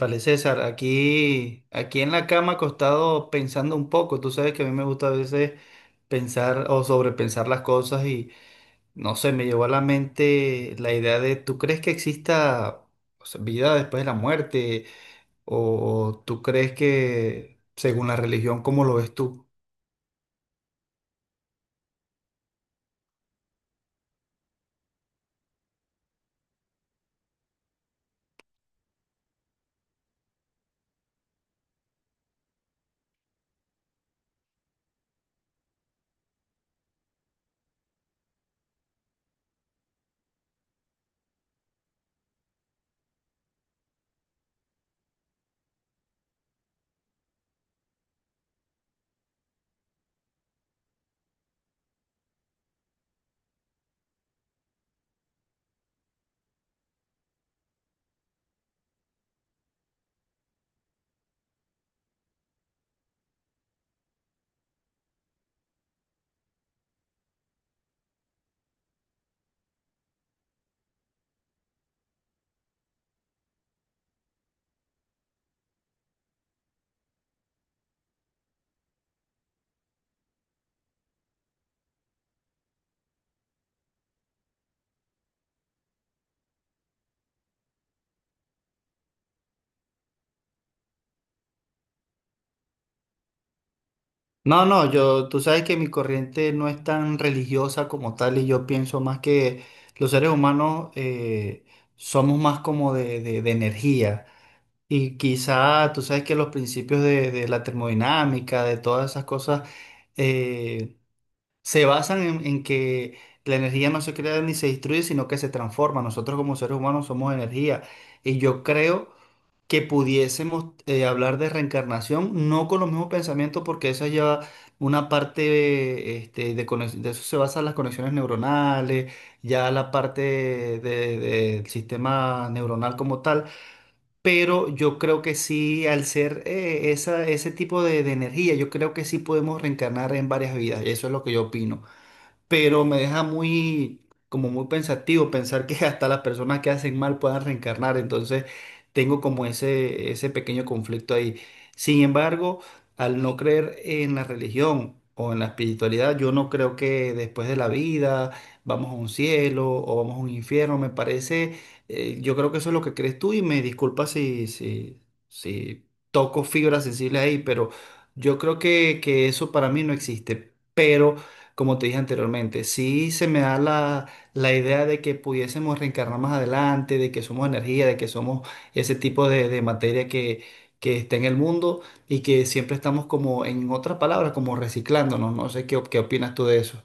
Vale, César, aquí en la cama acostado pensando un poco. Tú sabes que a mí me gusta a veces pensar o sobrepensar las cosas y no sé, me llevó a la mente la idea de, ¿tú crees que exista, o sea, vida después de la muerte? ¿O tú crees que, según la religión, cómo lo ves tú? No, no, yo, tú sabes que mi corriente no es tan religiosa como tal y yo pienso más que los seres humanos somos más como de energía. Y quizá tú sabes que los principios de la termodinámica, de todas esas cosas, eh, se basan en que la energía no se crea ni se destruye, sino que se transforma. Nosotros como seres humanos somos energía. Y yo creo que pudiésemos hablar de reencarnación, no con los mismos pensamientos, porque eso lleva una parte, este, de eso se basan las conexiones neuronales, ya la parte del sistema neuronal como tal. Pero yo creo que sí, al ser ese tipo de energía, yo creo que sí podemos reencarnar en varias vidas. Eso es lo que yo opino, pero me deja muy, como muy pensativo pensar que hasta las personas que hacen mal puedan reencarnar, entonces tengo como ese pequeño conflicto ahí. Sin embargo, al no creer en la religión o en la espiritualidad, yo no creo que después de la vida vamos a un cielo o vamos a un infierno, me parece. Yo creo que eso es lo que crees tú, y me disculpa si toco fibras sensibles ahí, pero yo creo que eso para mí no existe, pero como te dije anteriormente, sí se me da la idea de que pudiésemos reencarnar más adelante, de que somos energía, de que somos ese tipo de materia que está en el mundo y que siempre estamos como, en otras palabras, como reciclándonos. No sé qué, qué opinas tú de eso.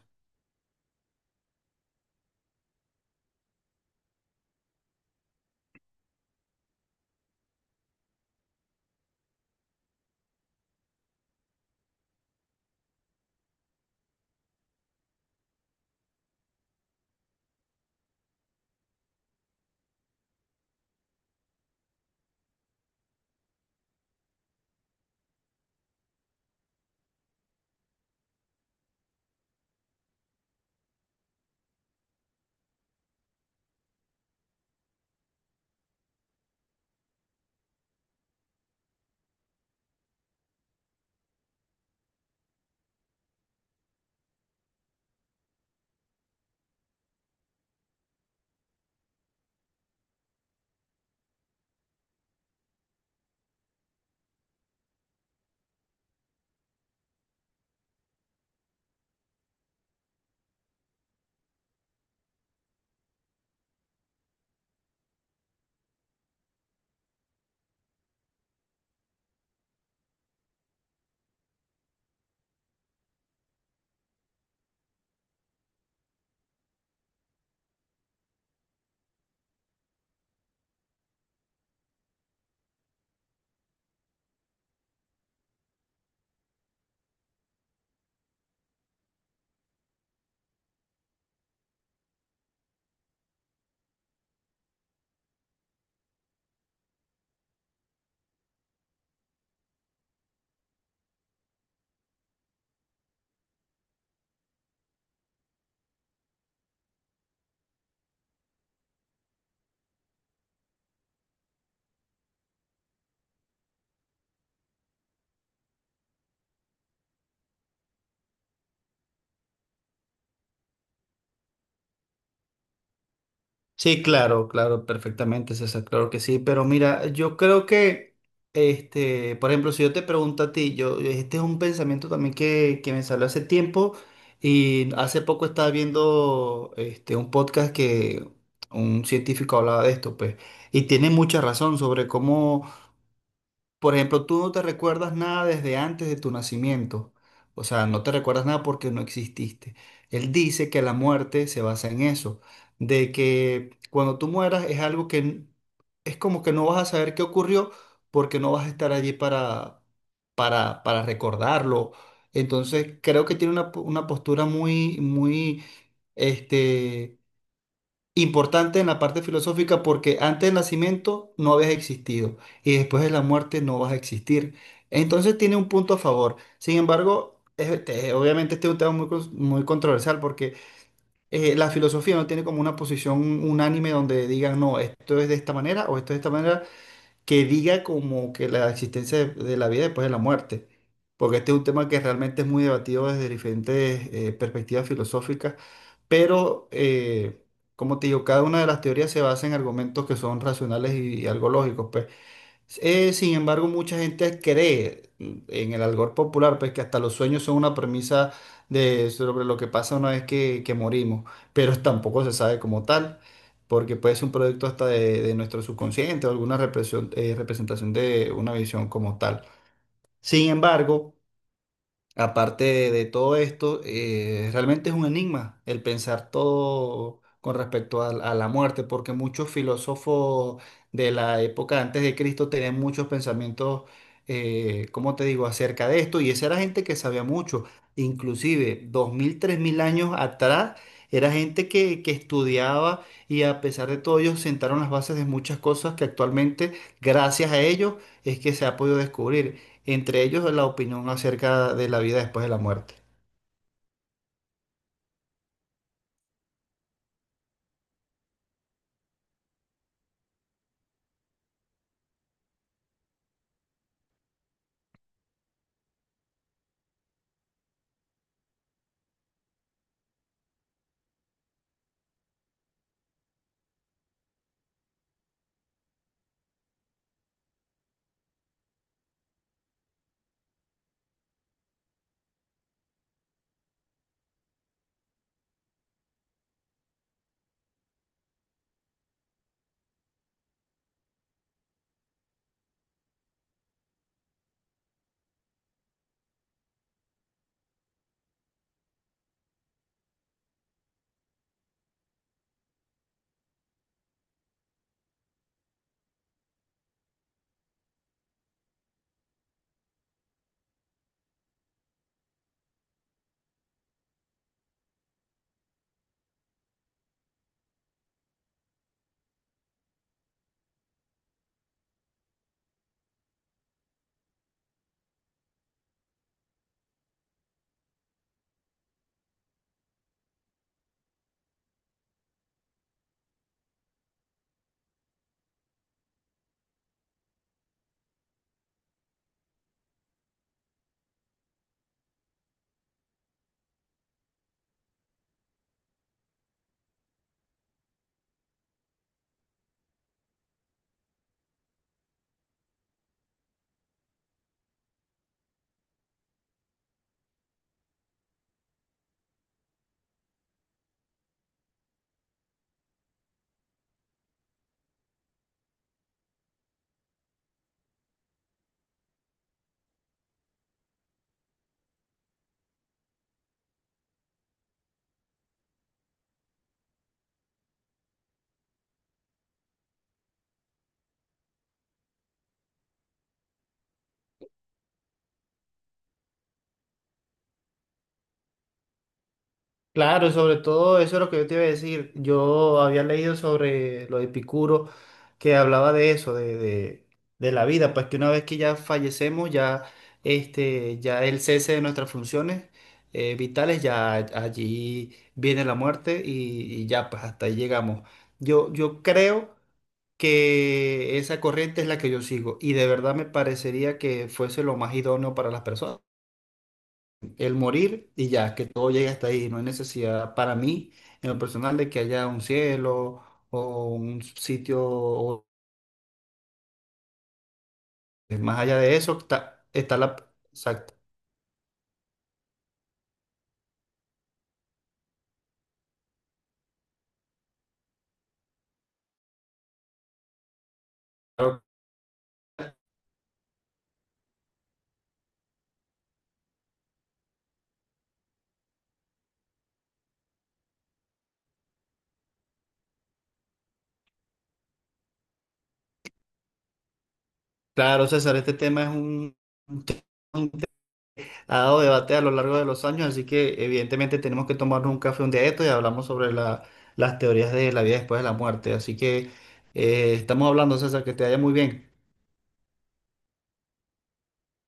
Sí, claro, claro, perfectamente, César, claro que sí, pero mira, yo creo que, este, por ejemplo, si yo te pregunto a ti, yo, este es un pensamiento también que me salió hace tiempo, y hace poco estaba viendo, este, un podcast que un científico hablaba de esto, pues, y tiene mucha razón sobre cómo, por ejemplo, tú no te recuerdas nada desde antes de tu nacimiento. O sea, no te recuerdas nada porque no exististe. Él dice que la muerte se basa en eso, de que cuando tú mueras es algo que es como que no vas a saber qué ocurrió porque no vas a estar allí para recordarlo. Entonces, creo que tiene una, una postura muy, muy, este, importante en la parte filosófica, porque antes del nacimiento no habías existido y después de la muerte no vas a existir. Entonces tiene un punto a favor. Sin embargo, este, obviamente este es un tema muy, muy controversial, porque la filosofía no tiene como una posición unánime donde digan, no, esto es de esta manera o esto es de esta manera, que diga como que la existencia de la vida después de la muerte, porque este es un tema que realmente es muy debatido desde diferentes perspectivas filosóficas, pero como te digo, cada una de las teorías se basa en argumentos que son racionales y algo lógicos, pues. Sin embargo, mucha gente cree en el algor popular, pues, que hasta los sueños son una premisa sobre lo que pasa una vez que morimos, pero tampoco se sabe como tal, porque puede ser un producto hasta de nuestro subconsciente o alguna representación de una visión como tal. Sin embargo, aparte de todo esto, realmente es un enigma el pensar todo con respecto a la muerte, porque muchos filósofos de la época antes de Cristo tenían muchos pensamientos, ¿cómo te digo?, acerca de esto, y esa era gente que sabía mucho, inclusive 2000, 3000 años atrás. Era gente que estudiaba, y a pesar de todo, ellos sentaron las bases de muchas cosas que actualmente, gracias a ellos, es que se ha podido descubrir, entre ellos la opinión acerca de la vida después de la muerte. Claro, y sobre todo eso es lo que yo te iba a decir. Yo había leído sobre lo de Epicuro, que hablaba de eso, de la vida, pues que una vez que ya fallecemos, ya, este, ya el cese de nuestras funciones vitales, ya allí viene la muerte y ya, pues hasta ahí llegamos. Yo creo que esa corriente es la que yo sigo, y de verdad me parecería que fuese lo más idóneo para las personas. El morir y ya, que todo llegue hasta ahí. No hay necesidad para mí, en lo personal, de que haya un cielo o un sitio más allá de eso. Está la. Exacto. Claro, claro, César, este tema es un tema que ha dado debate a lo largo de los años, así que evidentemente tenemos que tomarnos un café un día de esto y hablamos sobre las teorías de la vida después de la muerte. Así que estamos hablando, César, que te vaya muy bien.